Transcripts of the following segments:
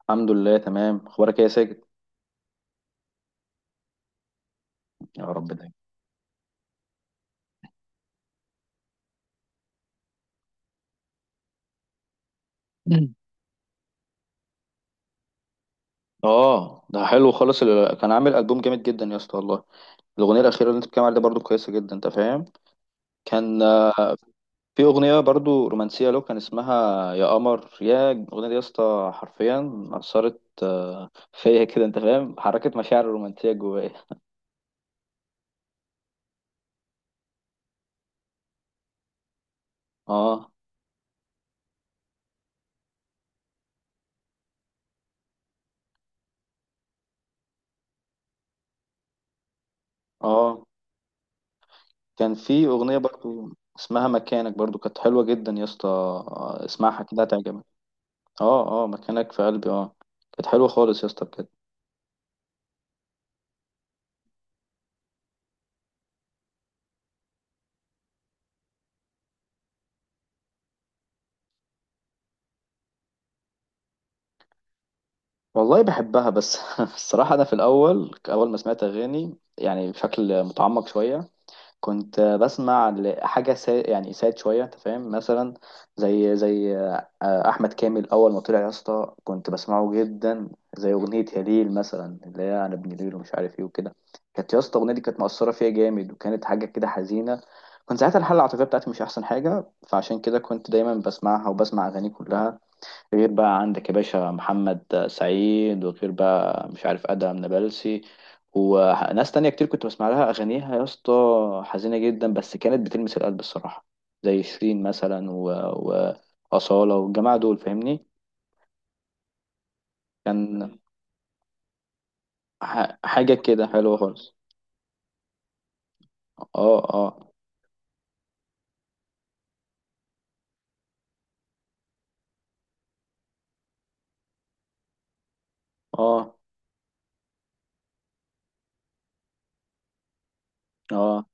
الحمد لله تمام، اخبارك ايه يا ساجد؟ يا رب دايما. مم. اه، ده حلو خالص. كان عامل البوم جامد جدا يا اسطى والله. الاغنيه الاخيره اللي انت بتتكلم عليها دي برضو كويسه جدا، انت فاهم. كان في اغنيه برضو رومانسيه له، كان اسمها يا قمر. يا الاغنيه دي يا اسطى حرفيا اثرت فيا كده، انت فاهم، حركت مشاعر رومانسيه جوايا. اه اه. كان في اغنيه برضو اسمها مكانك، برضو كانت حلوه جدا يا اسطى، اسمعها كده هتعجبك. اه اه، مكانك في قلبي، اه. كانت حلوة خالص يا اسطى بجد. والله بحبها، بس الصراحة أنا في الأول، أول ما سمعت أغاني يعني بشكل متعمق شوية، كنت بسمع يعني ساد شوية، انت فاهم، مثلا زي أحمد كامل. أول ما طلع يا اسطى كنت بسمعه جدا، زي أغنية يا ليل مثلا، اللي هي أنا ابن ليل ومش عارف إيه وكده. كانت يا اسطى الأغنية دي كانت مؤثرة فيا جامد، وكانت حاجة كده حزينة. كنت ساعتها الحالة العاطفية بتاعتي مش أحسن حاجة، فعشان كده كنت دايما بسمعها، وبسمع أغاني كلها غير بقى عندك يا باشا محمد سعيد، وغير بقى مش عارف ادهم نابلسي وناس تانية كتير كنت بسمع لها اغانيها يا اسطى. حزينة جدا بس كانت بتلمس القلب الصراحة، زي شيرين مثلا وأصالة والجماعة دول، فاهمني. كان حاجة كده حلوة خالص. اه اه. اه اه،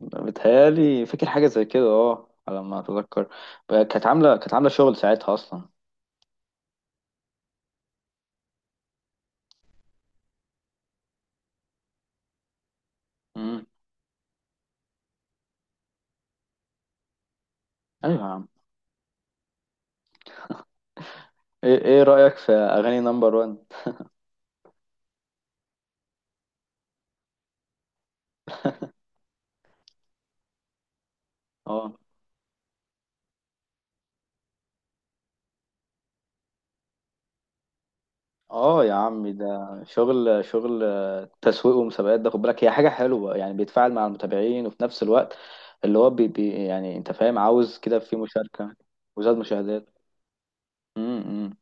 بتهيألي فاكر حاجة زي كده، اه على ما اتذكر، كانت عاملة، كانت عاملة شغل ساعتها اصلا. مم. ايوه يا عم. إيه رأيك في اغاني نمبر 1؟ اه اه يا عمي، ده شغل، شغل تسويق ومسابقات، ده خد بالك، هي حاجة حلوة يعني، بيتفاعل مع المتابعين وفي نفس الوقت اللي هو بي يعني، انت فاهم، عاوز كده في مشاركة وزاد مشاهدات. امم.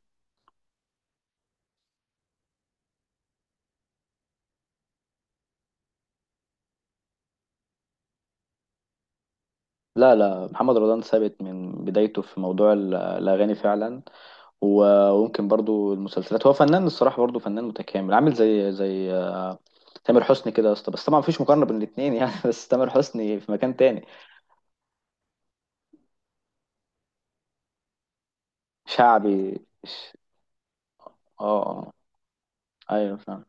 لا لا، محمد رمضان ثابت من بدايته في موضوع الأغاني فعلا. وممكن برضو المسلسلات، هو فنان الصراحة، برضو فنان متكامل، عامل زي تامر حسني كده يا اسطى، بس طبعا مفيش مقارنة بين الاتنين يعني بس تامر حسني في مكان تاني. شعبي. اه آه. ايوه فاهم.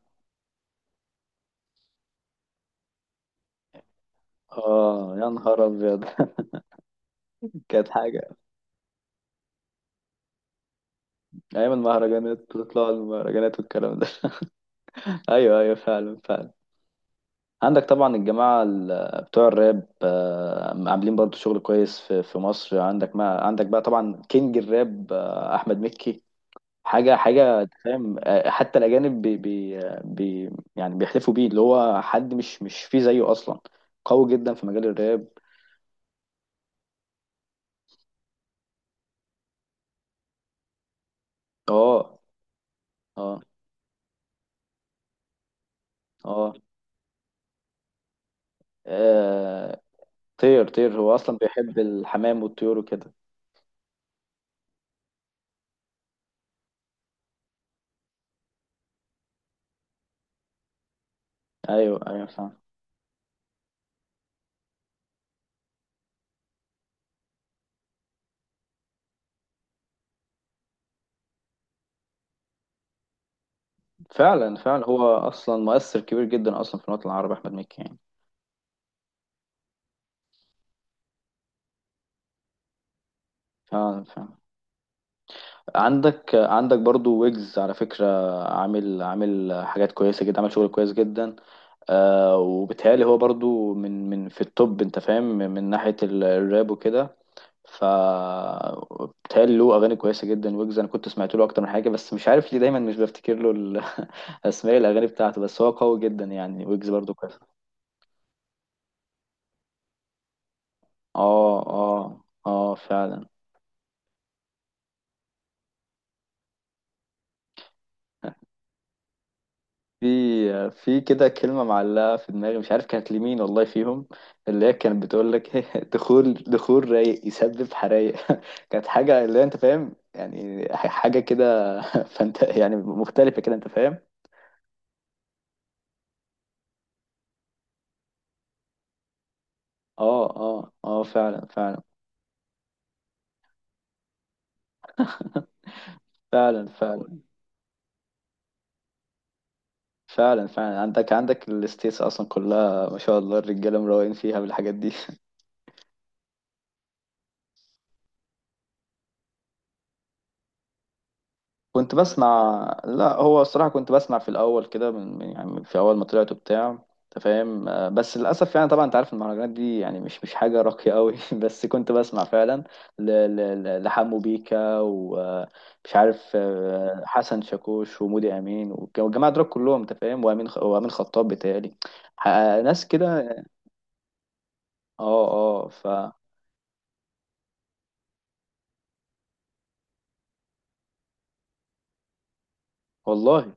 اه يا نهار ابيض كانت حاجه. ايام المهرجانات، تطلع المهرجانات والكلام ده ايوه ايوه، فعلا فعلا. عندك طبعا الجماعه بتوع الراب عاملين برضو شغل كويس في مصر. عندك ما عندك بقى طبعا كينج الراب احمد مكي، حاجه حاجه، فاهم، حتى الاجانب بي بي يعني بيحلفوا بيه، اللي هو حد مش فيه زيه اصلا، قوي جدا في مجال الراب. اه اه اه. آه، طير. طير هو اصلا بيحب الحمام والطيور وكده. ايوه ايوه، فعلا فعلا. فعلا، هو اصلا مؤثر كبير جدا اصلا في الوطن العربي، احمد مكي يعني. فعلا فعلا. عندك برضو ويجز، على فكرة عامل حاجات كويسة جدا، عامل شغل كويس جدا. آه، وبالتهيألي هو برضو من في التوب، انت فاهم، من ناحية الراب وكده. ف بيتهيألي له اغاني كويسه جدا، ويجز انا كنت سمعت له اكتر من حاجه، بس مش عارف ليه دايما مش بفتكر له اسماء الاغاني بتاعته، بس هو قوي جدا يعني، ويجز برضو كويس. اه اه اه فعلا. في في كده كلمه معلقه في دماغي، مش عارف كانت لمين والله فيهم، اللي هي كانت بتقول لك دخول رايق يسبب حرايق كانت حاجه اللي هي، انت فاهم يعني، حاجه كده فانت يعني مختلفه كده، انت فاهم. اه اه اه، فعلا فعلا، فعلا فعلا، فعلا فعلا. عندك الستيتس اصلا كلها ما شاء الله، الرجاله مروقين فيها بالحاجات دي كنت بسمع. لا هو الصراحه كنت بسمع في الاول كده يعني في اول ما طلعت وبتاع، انت فاهم، بس للاسف يعني، طبعا انت عارف المهرجانات دي يعني مش حاجه راقيه قوي بس كنت بسمع فعلا لحمو بيكا، ومش عارف حسن شاكوش ومودي امين، والجماعه دول كلهم، انت فاهم، وامين خطاب بتهيألي، ح- ناس كده. اه اه ف. والله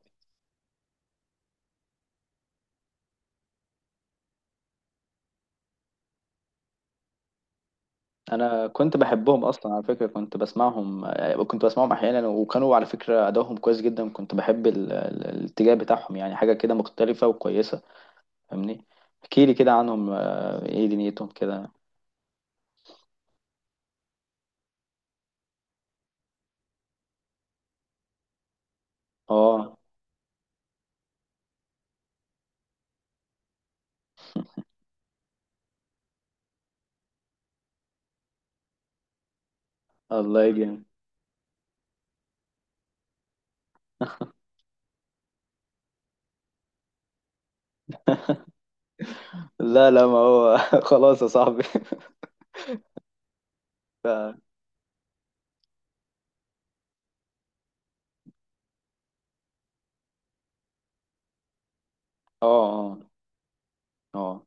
انا كنت بحبهم اصلا على فكره، كنت بسمعهم، كنت بسمعهم احيانا، وكانوا على فكره ادائهم كويس جدا، كنت بحب الاتجاه بتاعهم، يعني حاجه كده مختلفه وكويسه، فاهمني. احكي لي كده عنهم، ايه دنيتهم كده. اه. الله يجزيك. لا لا، ما هو خلاص يا صاحبي اه اه اه.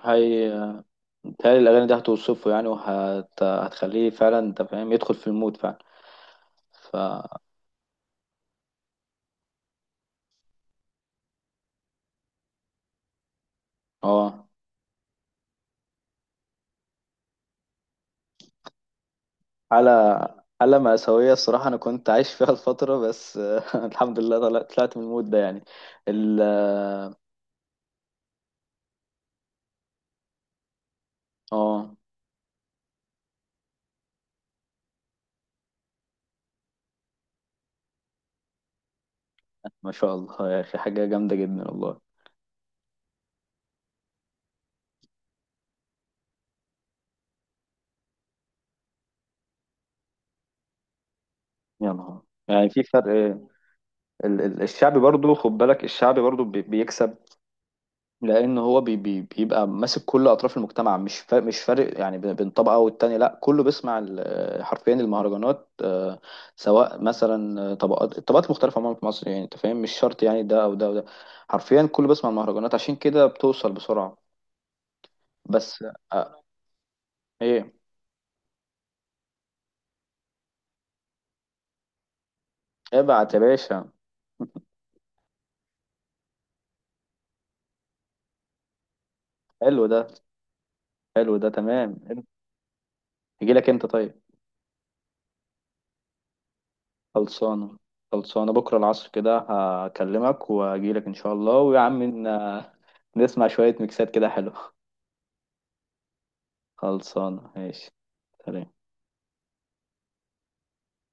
هي بتهيألي الأغاني دي هتوصفه يعني، هتخليه فعلا، أنت فاهم، يدخل في المود فعلا. فا اه، حالة، حالة مأساوية الصراحة، أنا كنت عايش فيها الفترة، بس الحمد لله طلعت، طلعت من المود ده يعني. ال اه آه، ما شاء الله يا أخي، حاجة جامدة جدا والله. يا نهار. يعني في فرق. الشعبي برضو خد بالك، الشعبي برضو بيكسب، لان هو بي بيبقى ماسك كل اطراف المجتمع، مش مش فارق يعني بين طبقه والتانيه، لا كله بيسمع حرفيا المهرجانات، سواء مثلا طبقات، الطبقات المختلفه عموما في مصر، يعني انت فاهم، مش شرط يعني ده او ده او ده، حرفيا كله بيسمع المهرجانات عشان كده بتوصل بسرعه. بس. آه، ايه. ابعت يا باشا. حلو ده، حلو ده تمام. يجي لك انت طيب؟ خلصانة. خلصانة بكرة العصر كده، هكلمك وأجيلك إن شاء الله، ويا عم إن- نسمع شوية ميكسات كده حلوة. خلصانة ماشي. سلام.